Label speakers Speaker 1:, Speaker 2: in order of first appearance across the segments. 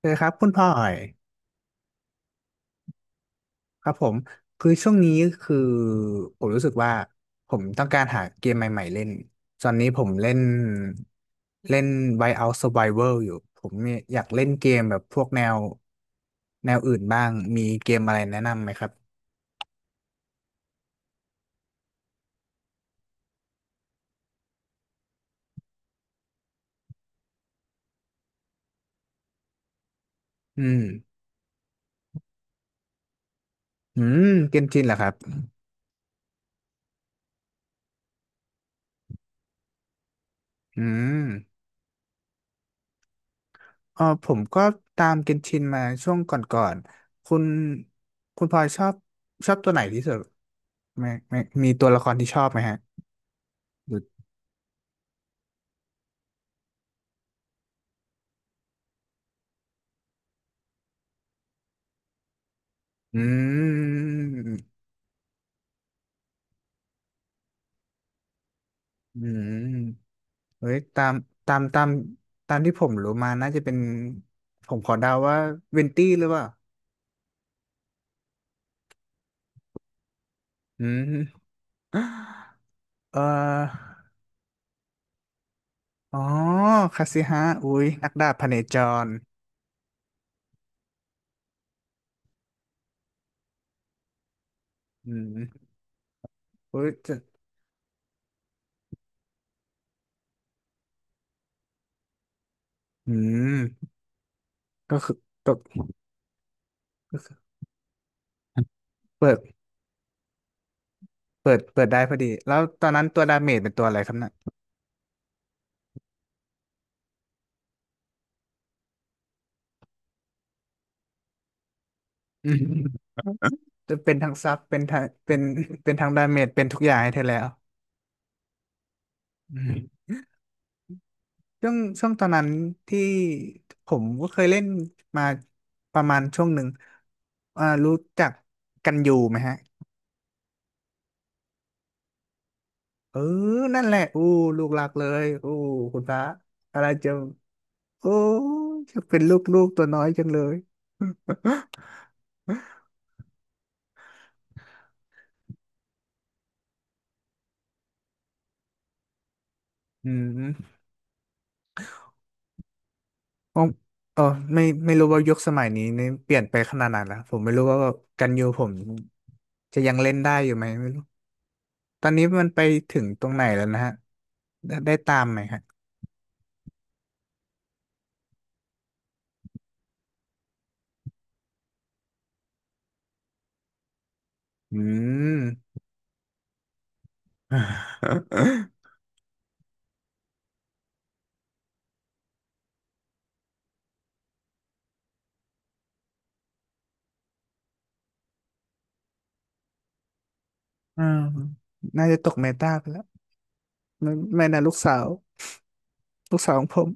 Speaker 1: เออครับคุณพ่อยครับผมคือช่วงนี้คือผมรู้สึกว่าผมต้องการหาเกมใหม่ๆเล่นตอนนี้ผมเล่นเล่น Whiteout Survival อยู่ผมเนี่ยอยากเล่นเกมแบบพวกแนวอื่นบ้างมีเกมอะไรแนะนำไหมครับอืมอืเกนชินเหรอครับอืมอ๋อผมก็ตามเกนชินมาช่วงก่อนๆคุณพลอยชอบตัวไหนที่สุดไหมไม่มีตัวละครที่ชอบไหมฮะ อืมอืมเฮ้ยตามตามตามที่ผมรู้มาน่าจะเป็นผมขอเดาว่าเวนตี้หรือเปล่าอืม เอ่ออ๋อคาสิฮะอุ้ยนักดาบพเนจรอืมอุ้ยจะอืมก็คือตกก็คือเปิดเปิดได้พอดีแล้วตอนนั้นตัวดาเมจเป็นตัวอะไรครับน่ะอืมจะเป็นทั้งซับเป็นทั้งดาเมจเป็นทุกอย่างให้เธอแล้ว ช่วงตอนนั้นที่ผมก็เคยเล่นมาประมาณช่วงหนึ่งรู้จักกันอยู่ไหมฮะเออนั่นแหละอู้ลูกรักเลยอู้คุณพระอะไรจะโอ้จะเป็นลูกตัวน้อยจังเลย อืมอ๋อเออไม่รู้ว่ายุคสมัยนี้นี่เปลี่ยนไปขนาดไหนแล้วผมไม่รู้ว่ากันยูผมจะยังเล่นได้อยู่ไหมไม่รู้ตอนนี้มันไปถึงตรงไหนแล้วนะฮะได้ตามไหมฮะ อืม อ่าน่าจะตกเมตาไปแล้วไม่นะลูกสาวลูกสาวของผม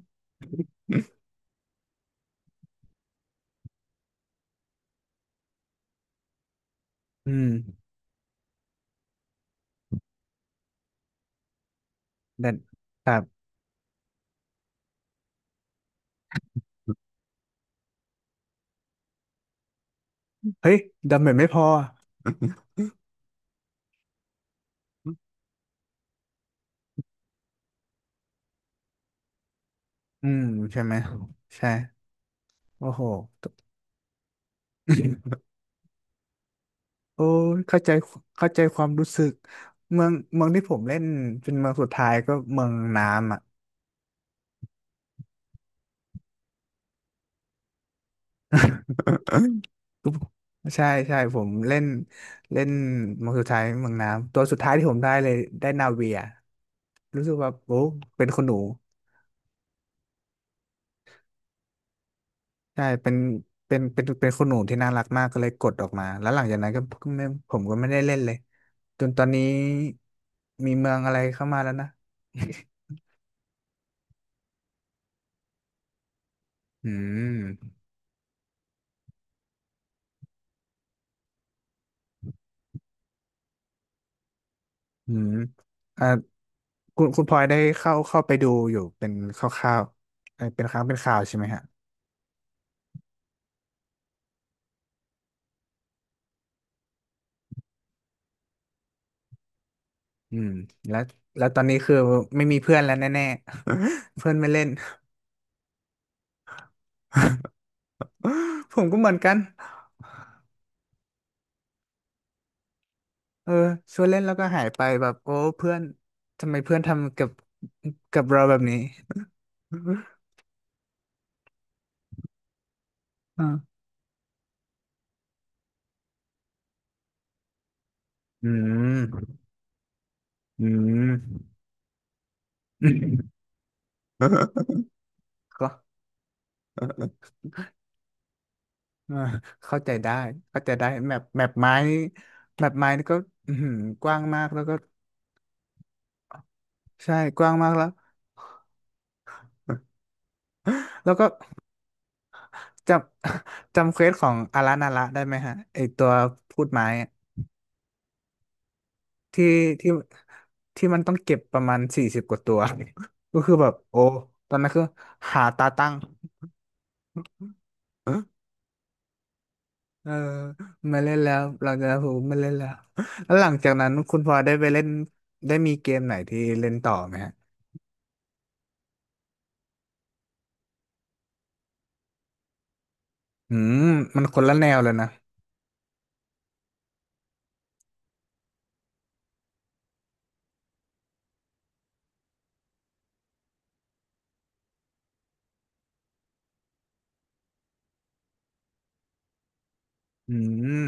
Speaker 1: อืมแต่ครับเฮ้ยดำเหมือนไม่พออืมใช่ไหม ใช่โอ้โห โอ้ยเข้าใจเข้าใจความรู้สึกเมืองที่ผมเล่นเป็นเมืองสุดท้ายก็เมืองน้ำอ่ะ ใช่ใช่ผมเล่นเล่นเมืองสุดท้ายเมืองน้ำตัวสุดท้ายที่ผมได้เลยได้นาเวีย รู้สึกแบบโอ้เป็นคนหนูใช่เป็นคนหนูที่น่ารักมากก็เลยกดออกมาแล้วหลังจากนั้นก็ก็ไม่ผมก็ไม่ได้เล่นเลยจนตอนนี้มีเมืองอะไรเข้ามาแล้วนะ อืมอืมอ่าคุณพลอยได้เข้าไปดูอยู่เป็นคร่าวๆเป็นครั้งเป็นคราวใช่ไหมฮะอืมแล้วแล้วตอนนี้คือไม่มีเพื่อนแล้วแน่ๆ เพื่อนไม่เล่น ผมก็เหมือนกัน เออชวนเล่นแล้วก็หายไปแบบโอ้เพื่อนทำไมเพื่อนทำกับเราแบบนี้ อ่าอืม อืม ก็เออเข้าใจได้เข้าใจได้แมปไม้นี่แมปไม้นี่ก็อื้อหือกว้างมากแล้วก็ใช่กว้างมากแล้ว แล้วก็จำ จำเควสของอารานาระได้ไหมฮะไอตัวพูดไม้ ที่ที่ที่มันต้องเก็บประมาณสี่สิบกว่าตัว ก็คือแบบโอ้ตอนนั้นคือหาตาตั้ง เออไม่เล่นแล้วเราจะหูไม่เล่นแล้ว แล้วหลังจากนั้นคุณพลอยได้ไปเล่นได้มีเกมไหนที่เล่นต่อไหมฮะอืมมันคนละแนวเลยนะอืม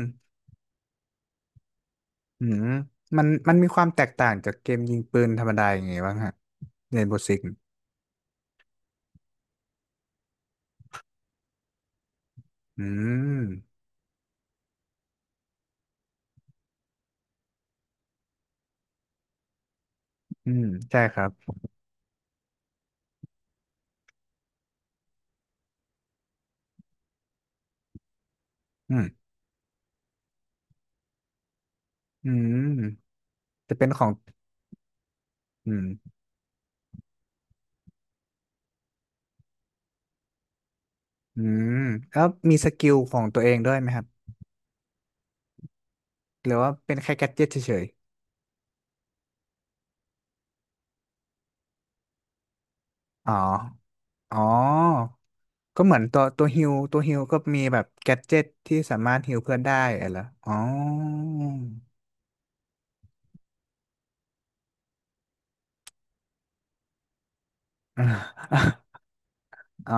Speaker 1: อืมมันมีความแตกต่างจากเกมยิงปืนธรรมดาอย่างไงบ้างฮะเรนโบว์ซิกอืมอืมใช่ครับอืมอืมจะเป็นของอืม อืมแล้วมีสกิลของตัวเองด้วยไหมครับหรือว่าเป็นแค่แกดเจ็ตเฉยๆอ๋ออ๋อก็เหมือนตัวฮิวตัวฮิวก็มีแบบแกดเจ็ตที่สามารถฮิวเพื่อนได้อะไรเหรออ๋อ อ่ะอ๋อ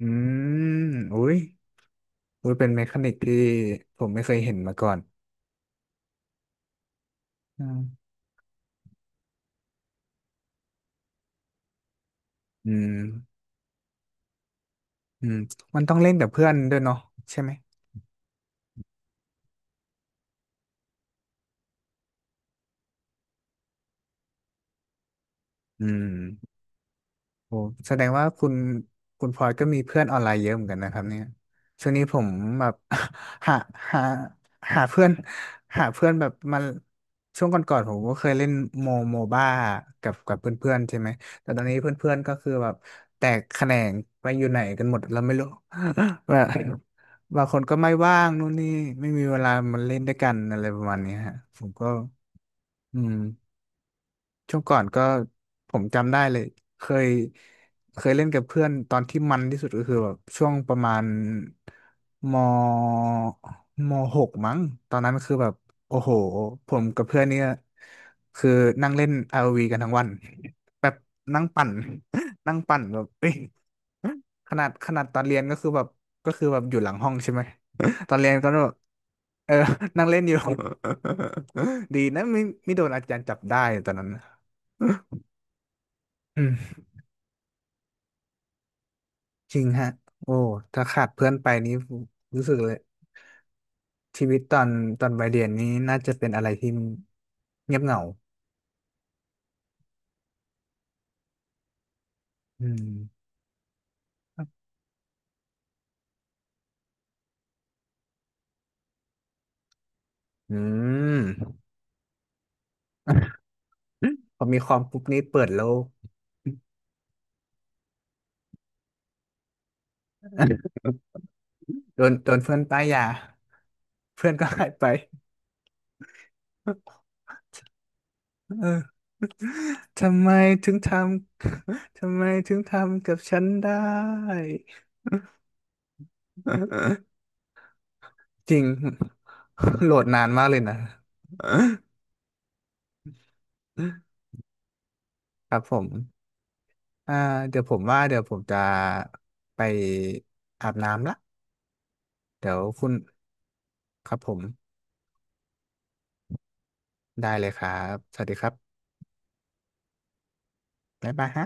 Speaker 1: อืมอุ้ยอุ้ยเป็นเมคานิกที่ผมไม่เคยเห็นมาก่อนอืมอืมอืมมันต้องเล่นกับเพื่อนด้วยเนาะใช่ไหมอืม โอ้แสดงว่าคุณพลอยก็มีเพื่อนออนไลน์เยอะเหมือนกันนะครับเนี่ยช่วงนี้ผมแบบ หาหาหาเพื่อนหาเพื่อนแบบมาช่วงก่อนๆผมก็เคยเล่นโมโมบ้ากับเพื่อนๆใช่ไหมแต่ตอนนี้เพื่อนๆก็คือแบบแตกแขนงไปอยู่ไหนกันหมดเราไม่รู้ แบบบางคนก็ไม่ว่างนู่นนี่ไม่มีเวลามาเล่นด้วยกันอะไรประมาณนี้ฮะผมก็อืม ช่วงก่อนก็ผมจำได้เลยเคยเคยเล่นกับเพื่อนตอนที่มันที่สุดก็คือแบบช่วงประมาณมมหกมั้งตอนนั้นคือแบบโอ้โหผมกับเพื่อนเนี่ยคือนั่งเล่นอ o ีกันทั้งวันแบบนั่งปั่น นั่งปั่นแบบเอ้ยขนาดตอนเรียนก็คือแบบอยู่หลังห้องใช่ไหม ตอนเรียนก็แบบเออ นั่งเล่นอยู่ ดีนะไม่โดนอาจารย์จับได้ตอนนั้น อืมจริงฮะโอ้ถ้าขาดเพื่อนไปนี้รู้สึกเลยชีวิตตอนวัยเรียนนี้น่าจะเป็นอะไรที่เงียบเหงาอืมอืม พอมีคอมปุ๊บนี้เปิดโลก โดนเพื่อนป้ายยาเพื่อนก็หายไปเออทำไมถึงทำ ทำไมถึงทำกับฉันได้ จริง โหลดนานมากเลยนะ ครับผมอ่าเดี๋ยวผมว่าเดี๋ยวผมจะไปอาบน้ำละ เดี๋ยวคุณครับผมได้เลยครับสวัสดีครับบ๊ายบายฮะ